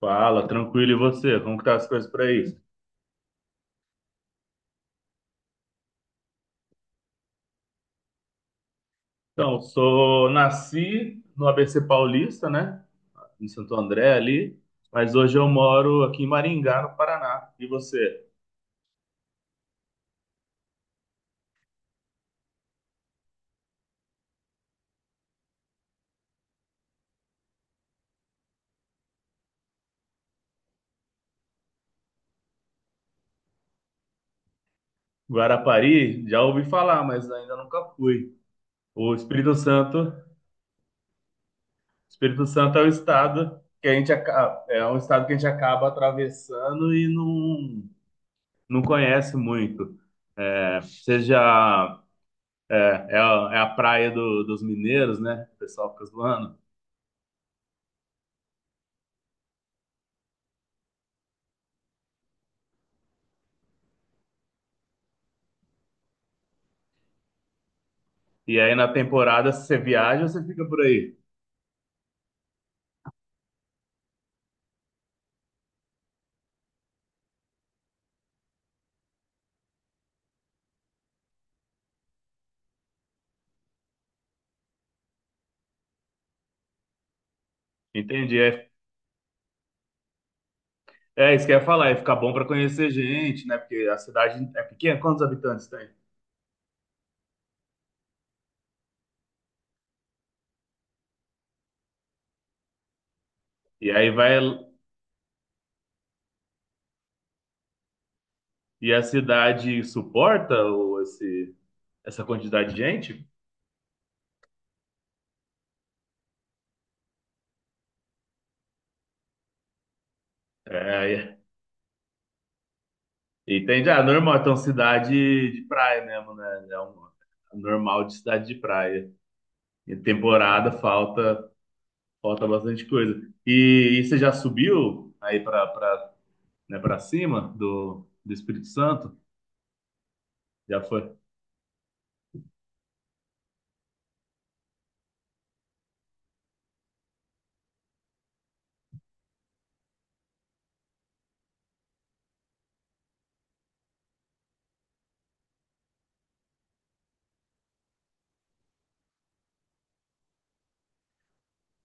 Fala, tranquilo, e você? Como que tá as coisas por aí? Então, nasci no ABC Paulista, né? Em Santo André ali, mas hoje eu moro aqui em Maringá, no Paraná. E você? Guarapari, já ouvi falar, mas ainda nunca fui. O Espírito Santo, Espírito Santo é o estado que a gente acaba, é um estado que a gente acaba atravessando e não, não conhece muito. É, seja é é a, é a praia dos mineiros, né? O pessoal fica zoando. E aí na temporada, se você viaja, você fica por aí. Entendi. É isso que eu ia falar, é ficar bom para conhecer gente, né? Porque a cidade é pequena, quantos habitantes tem? E aí vai. E a cidade suporta essa quantidade de gente? É, entende? Ah, normal, então cidade de praia mesmo, né? É um normal de cidade de praia. E temporada falta bastante coisa. E você já subiu aí para né, para cima do Espírito Santo? Já foi?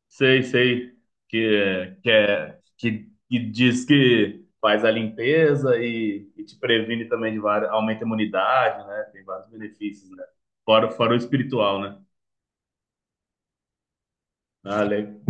Sei, sei. Que diz que faz a limpeza e te previne também de várias, aumenta a imunidade, né? Tem vários benefícios, né? Fora o espiritual, né? Ah,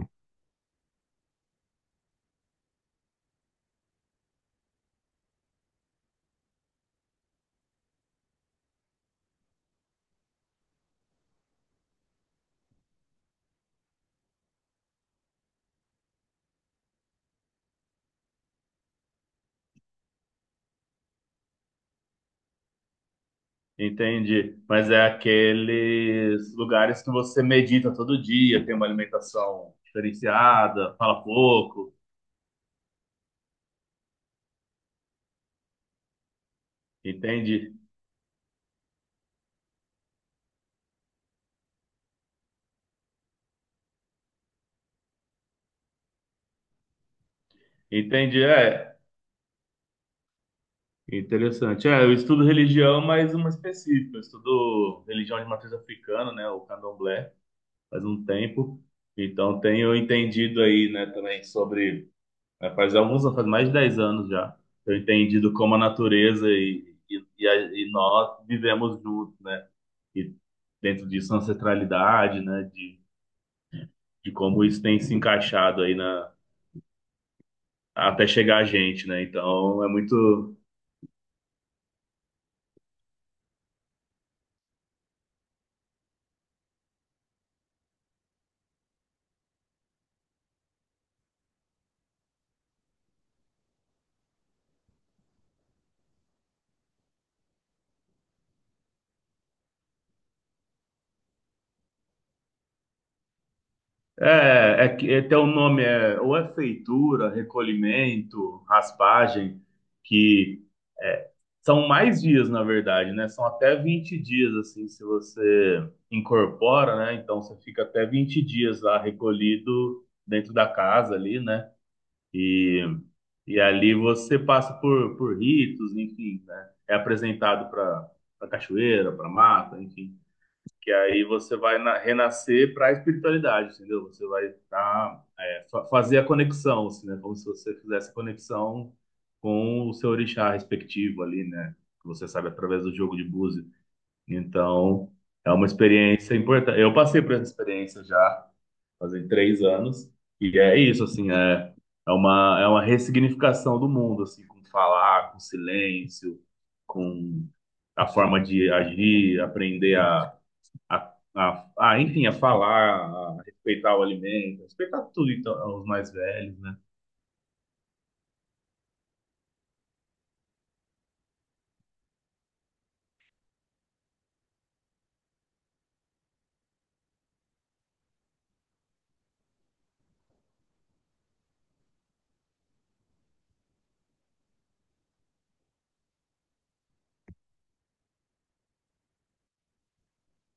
entendi. Mas é aqueles lugares que você medita todo dia, tem uma alimentação diferenciada, fala pouco. Entendi. Entendi, é. Interessante. É, eu estudo religião, mas uma específica. Eu estudo religião de matriz africana, né? O candomblé. Faz um tempo. Então tenho entendido aí, né, também sobre, né, faz mais de 10 anos já, tenho entendido como a natureza e nós vivemos juntos, né? E dentro disso a ancestralidade, né, de como isso tem se encaixado aí na até chegar a gente, né? Então é muito. É que é, tem um nome, é, ou é feitura, recolhimento, raspagem, que é, são mais dias, na verdade, né? São até 20 dias, assim, se você incorpora, né? Então você fica até 20 dias lá recolhido dentro da casa ali, né? E, e ali você passa por ritos, enfim, né? É apresentado para a cachoeira, para mata, enfim. Que aí você vai renascer para a espiritualidade, entendeu? Você vai tá, fazer a conexão, assim, né? Como se você fizesse a conexão com o seu orixá respectivo ali, né? Que você sabe através do jogo de búzios. Então, é uma experiência importante. Eu passei por essa experiência já, fazem 3 anos, e é isso, assim, é uma ressignificação do mundo, assim, com falar, com silêncio, com a forma de agir, aprender enfim, a falar, a respeitar o alimento, a respeitar tudo, então, os mais velhos, né?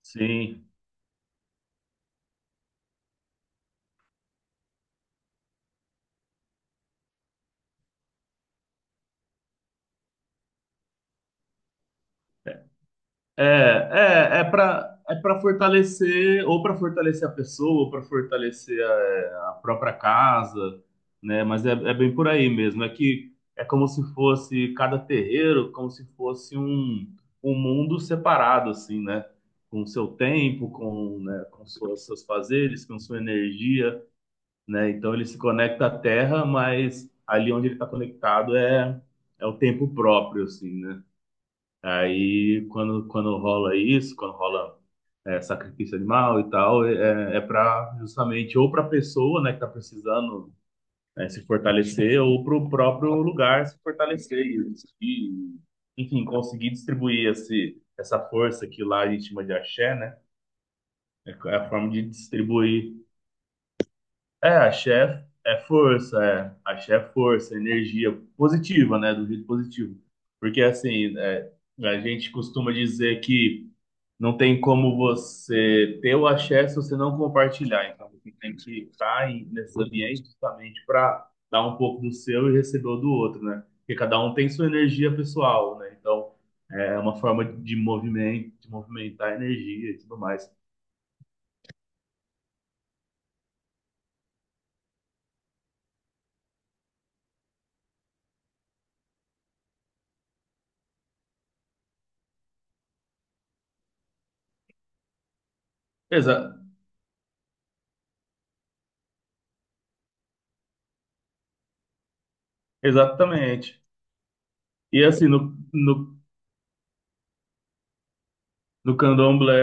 Sim. É para fortalecer, ou para fortalecer a pessoa, ou para fortalecer a própria casa, né? Mas é bem por aí mesmo. É que é como se fosse cada terreiro, como se fosse um mundo separado, assim, né? Com o seu tempo, né, com seus fazeres, com sua energia, né? Então ele se conecta à Terra, mas ali onde ele está conectado é o tempo próprio, assim, né? Aí quando rola isso, quando rola sacrifício animal e tal, é para justamente ou para a pessoa, né, que está precisando né, se fortalecer, ou para o próprio lugar se fortalecer e, enfim, conseguir distribuir essa força que lá a gente chama de axé, né? É a forma de distribuir. É, axé é força, é. Axé é força, energia positiva, né? Do jeito positivo. Porque, assim, a gente costuma dizer que não tem como você ter o axé se você não compartilhar. Então, você tem que estar nesses ambientes justamente para dar um pouco do seu e receber o do outro, né? Porque cada um tem sua energia pessoal, né? Então, é uma forma de movimento, de movimentar a energia e tudo mais. Exa exatamente. E assim, no candomblé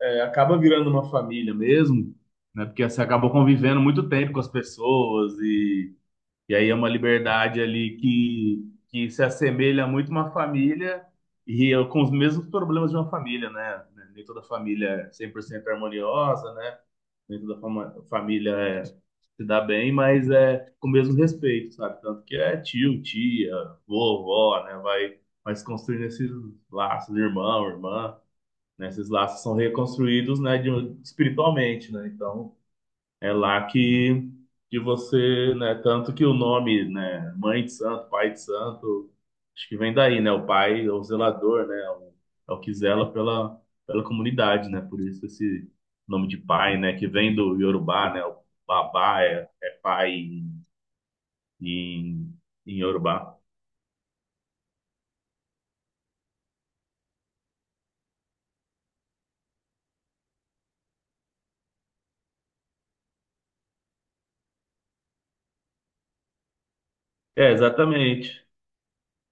acaba virando uma família mesmo, né? Porque você acaba convivendo muito tempo com as pessoas e, aí é uma liberdade ali que se assemelha muito a uma família e é com os mesmos problemas de uma família, né? Nem toda família é 100% harmoniosa, né? Nem toda família se dá bem, mas é com o mesmo respeito, sabe? Tanto que é tio, tia, vovó, né? Vai se construindo esses laços, irmão, irmã, né? Esses laços são reconstruídos, né, espiritualmente, né? Então, é lá que você, né, tanto que o nome, né, Mãe de Santo, Pai de Santo, acho que vem daí, né? O pai, é o zelador, né? É o que zela pela comunidade, né? Por isso esse nome de pai, né? Que vem do Yorubá, né? O babá é pai em, em Yorubá. É, exatamente.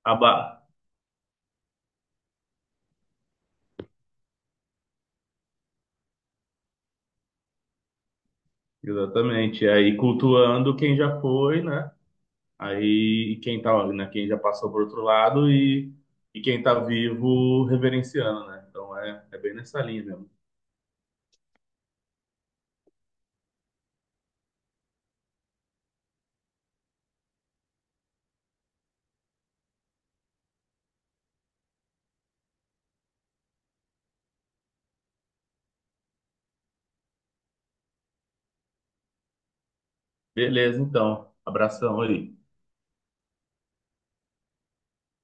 Abá. Exatamente. E aí cultuando quem já foi, né? Aí e quem tá, né, quem já passou por outro lado e quem tá vivo reverenciando, né? Então é bem nessa linha mesmo. Beleza, então. Abração aí.